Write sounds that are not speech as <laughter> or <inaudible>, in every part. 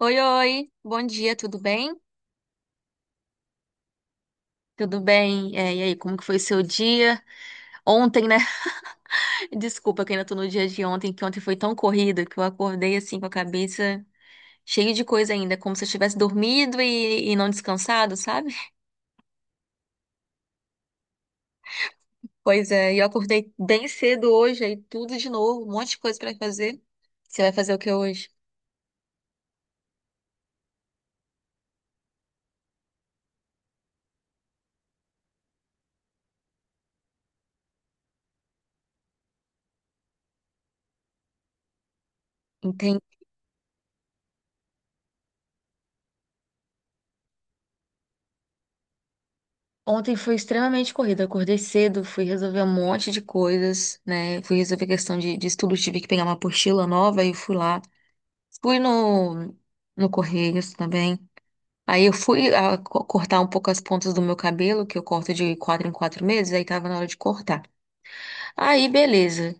Oi, oi, bom dia, tudo bem? Tudo bem? E aí, como que foi o seu dia? Ontem, né? <laughs> Desculpa que ainda tô no dia de ontem, que ontem foi tão corrido que eu acordei assim com a cabeça cheia de coisa ainda, como se eu tivesse dormido e não descansado, sabe? <laughs> Pois é, e eu acordei bem cedo hoje, aí tudo de novo, um monte de coisa pra fazer. Você vai fazer o que hoje? Entendi. Ontem foi extremamente corrida. Eu acordei cedo, fui resolver um monte de coisas, né? Fui resolver questão de estudo, tive que pegar uma apostila nova e fui lá. Fui no, no Correios também. Aí eu fui cortar um pouco as pontas do meu cabelo, que eu corto de quatro em quatro meses, aí tava na hora de cortar. Aí, beleza.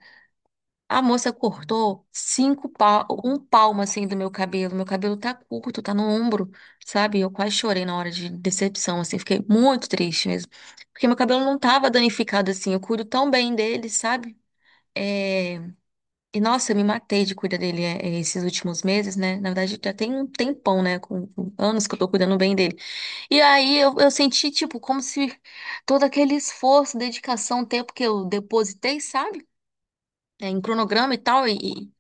A moça cortou cinco pa um palmo assim do meu cabelo. Meu cabelo tá curto, tá no ombro, sabe? Eu quase chorei na hora de decepção, assim, fiquei muito triste mesmo. Porque meu cabelo não tava danificado assim, eu cuido tão bem dele, sabe? É. E nossa, eu me matei de cuidar dele esses últimos meses, né? Na verdade, já tem um tempão, né? Com anos que eu tô cuidando bem dele. E aí eu senti, tipo, como se todo aquele esforço, dedicação, tempo que eu depositei, sabe? É, em cronograma e tal, e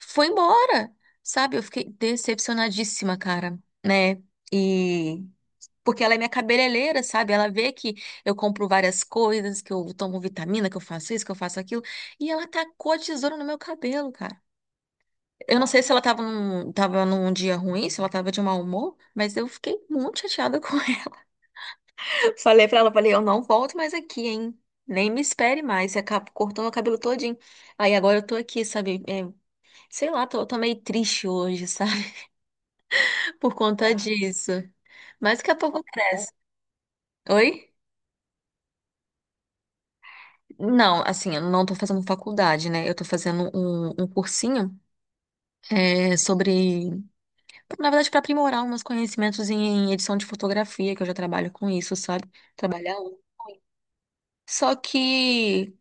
foi embora, sabe? Eu fiquei decepcionadíssima, cara, né? E. Porque ela é minha cabeleireira, sabe? Ela vê que eu compro várias coisas, que eu tomo vitamina, que eu faço isso, que eu faço aquilo. E ela tacou a tesoura no meu cabelo, cara. Eu não sei se ela tava num dia ruim, se ela tava de mau humor, mas eu fiquei muito chateada com <laughs> ela. Falei pra ela, falei, eu não volto mais aqui, hein? Nem me espere mais. Você acabou cortando o cabelo todinho. Aí agora eu tô aqui, sabe? É, sei lá, tô meio triste hoje, sabe? <laughs> Por conta disso. Mas daqui a pouco cresce. Oi? Não, assim, eu não tô fazendo faculdade, né? Eu tô fazendo um cursinho é, sobre. Na verdade, para aprimorar uns conhecimentos em edição de fotografia, que eu já trabalho com isso, sabe? Trabalhar. Só que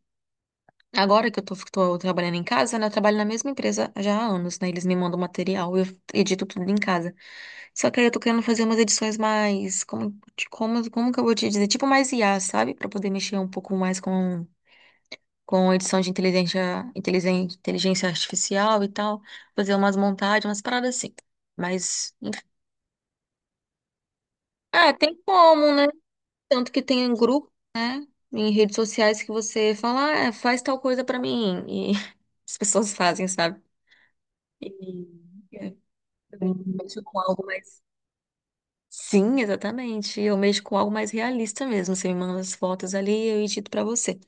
agora que eu tô trabalhando em casa, né? Eu trabalho na mesma empresa já há anos, né? Eles me mandam material, eu edito tudo em casa. Só que aí eu tô querendo fazer umas edições mais. Como que eu vou te dizer? Tipo mais IA, sabe? Pra poder mexer um pouco mais com edição de inteligência, inteligência artificial e tal. Fazer umas montagens, umas paradas assim. Mas, enfim. Ah, tem como, né? Tanto que tem um grupo em redes sociais que você fala, ah, é, faz tal coisa pra mim. E <laughs> as pessoas fazem, sabe? E é, eu mexo com algo mais. Sim, exatamente. Eu mexo com algo mais realista mesmo. Você me manda as fotos ali, eu edito pra você.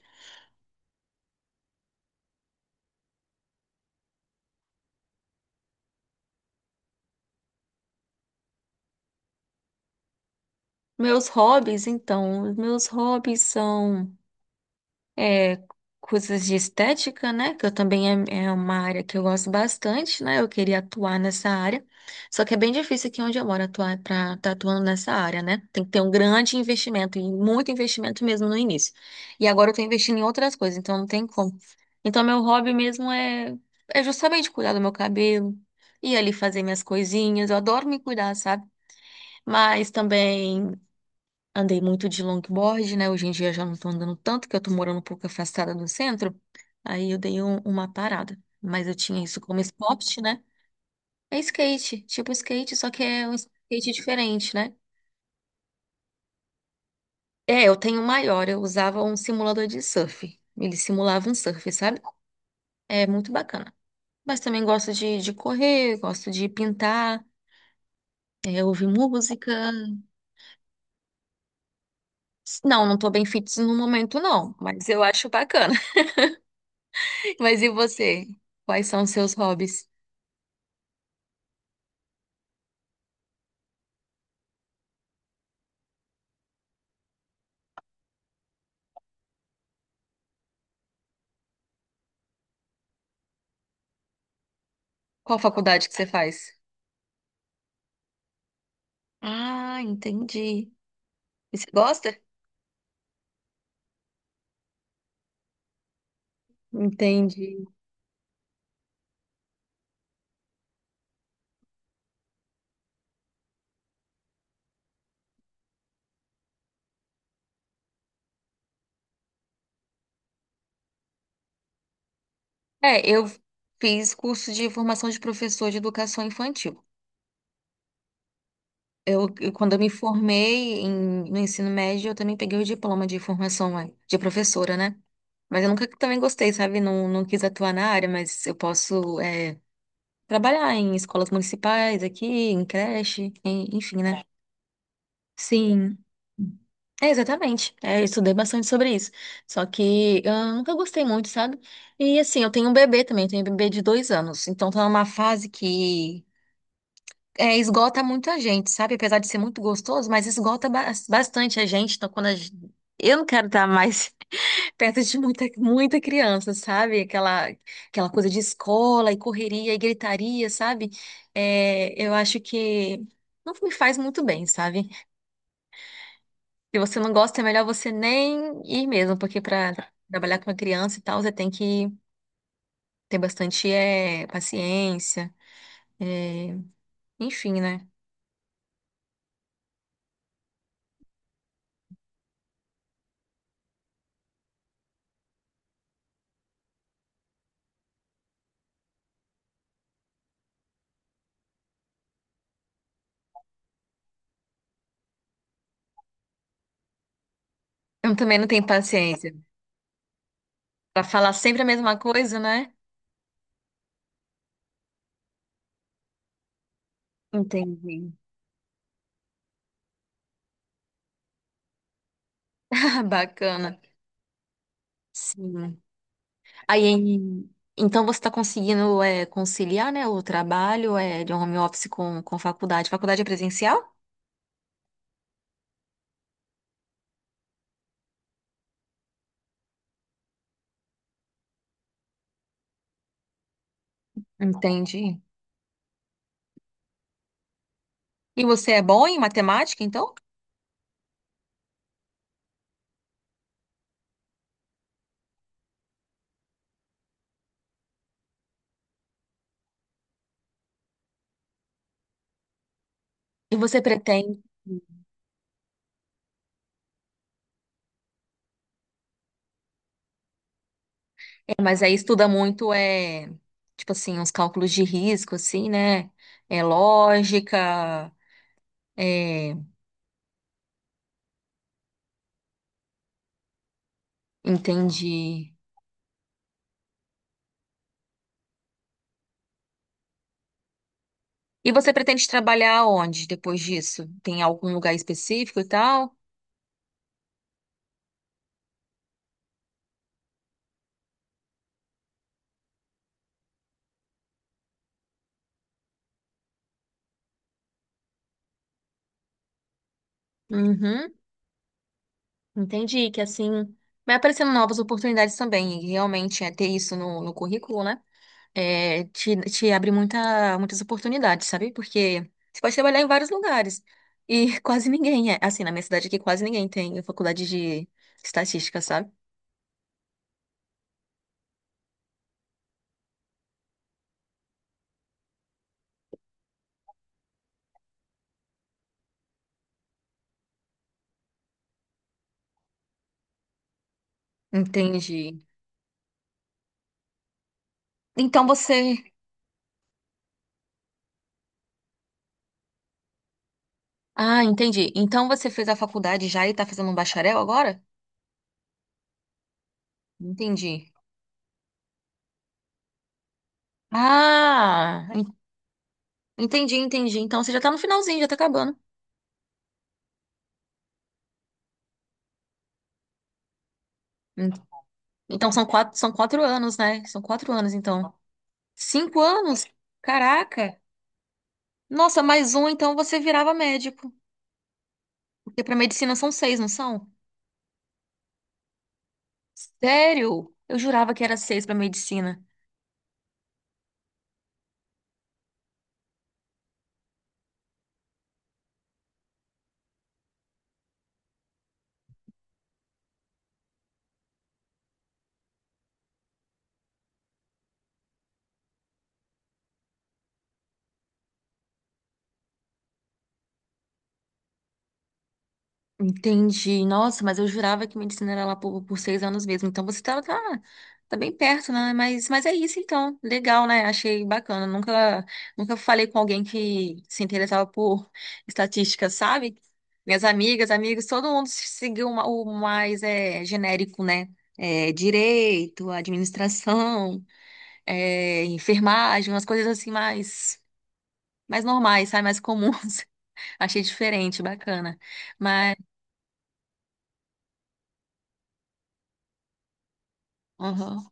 Meus hobbies, então, os meus hobbies são. É, coisas de estética, né? Que eu também é, é uma área que eu gosto bastante, né? Eu queria atuar nessa área. Só que é bem difícil aqui onde eu moro atuar para estar atuando nessa área, né? Tem que ter um grande investimento, e muito investimento mesmo no início. E agora eu estou investindo em outras coisas, então não tem como. Então, meu hobby mesmo é, é justamente cuidar do meu cabelo. Ir ali fazer minhas coisinhas, eu adoro me cuidar, sabe? Mas também andei muito de longboard, né? Hoje em dia já não tô andando tanto, que eu tô morando um pouco afastada do centro. Aí eu dei uma parada. Mas eu tinha isso como esporte, né? É skate, tipo skate, só que é um skate diferente, né? É, eu tenho um maior, eu usava um simulador de surf. Ele simulava um surf, sabe? É muito bacana. Mas também gosto de correr, gosto de pintar, é, ouvir música. Não, não tô bem fitness no momento, não, mas eu acho bacana. <laughs> Mas e você? Quais são os seus hobbies? Qual faculdade que você faz? Ah, entendi. E você gosta? Entendi. É, eu fiz curso de formação de professor de educação infantil. Quando eu me formei no ensino médio, eu também peguei o diploma de formação de professora, né? Mas eu nunca também gostei, sabe? Não, não quis atuar na área, mas eu posso trabalhar em escolas municipais aqui, em creche, enfim, né? Sim. É, exatamente. É, eu estudei bastante sobre isso. Só que eu nunca gostei muito, sabe? E assim, eu tenho um bebê também, eu tenho um bebê de dois anos. Então tá numa fase que é, esgota muito a gente, sabe? Apesar de ser muito gostoso, mas esgota bastante a gente. Então quando a gente... Eu não quero estar mais <laughs> perto de muita criança, sabe? Aquela coisa de escola e correria e gritaria, sabe? É, eu acho que não me faz muito bem, sabe? Se você não gosta, é melhor você nem ir mesmo, porque para trabalhar com a criança e tal, você tem que ter bastante paciência, eh, enfim, né? Eu também não tenho paciência para falar sempre a mesma coisa, né? Entendi. <laughs> Bacana. Sim. Aí, em- então você está conseguindo conciliar, né, o trabalho de home office com faculdade? Faculdade é presencial? Entendi. E você é bom em matemática, então? E você pretende? É, mas aí estuda muito, é, tipo assim, os cálculos de risco, assim, né? É lógica, é, entendi. E você pretende trabalhar onde depois disso? Tem algum lugar específico e tal? Uhum, entendi que assim vai aparecendo novas oportunidades também, e realmente é ter isso no currículo, né? É, te abre muitas oportunidades, sabe? Porque você pode trabalhar em vários lugares. E <laughs> quase ninguém é. Assim, na minha cidade aqui, quase ninguém tem faculdade de estatística, sabe? Entendi. Então você. Ah, entendi. Então você fez a faculdade já e tá fazendo um bacharel agora? Entendi. Ah, entendi. Então você já tá no finalzinho, já tá acabando. En- Então são quatro anos, né? São quatro anos, então. Cinco anos? Caraca! Nossa, mais um, então você virava médico. Porque para medicina são seis, não são? Sério? Eu jurava que era seis para medicina. Entendi. Nossa, mas eu jurava que medicina era lá por seis anos mesmo. Então você tá bem perto, né? Mas é isso então. Legal, né? Achei bacana. Nunca falei com alguém que se interessava por estatística, sabe? Minhas amigas, amigos, todo mundo seguiu uma- o mais é, genérico, né? É, direito, administração. É, enfermagem, umas coisas assim mais, mais normais, sabe? Mais comuns. <laughs> Achei diferente, bacana. Mas, aham,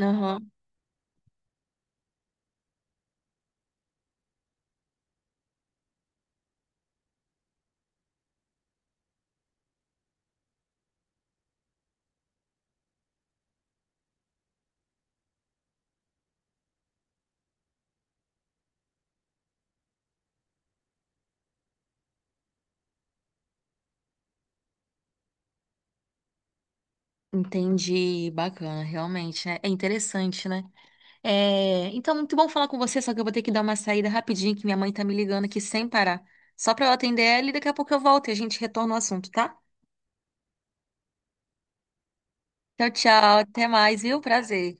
aham, entendi, bacana, realmente, né? É interessante, né? É, então, muito bom falar com você, só que eu vou ter que dar uma saída rapidinho, que minha mãe tá me ligando aqui sem parar. Só pra eu atender ela e daqui a pouco eu volto e a gente retorna o assunto, tá? Tchau, tchau, até mais, viu? Prazer.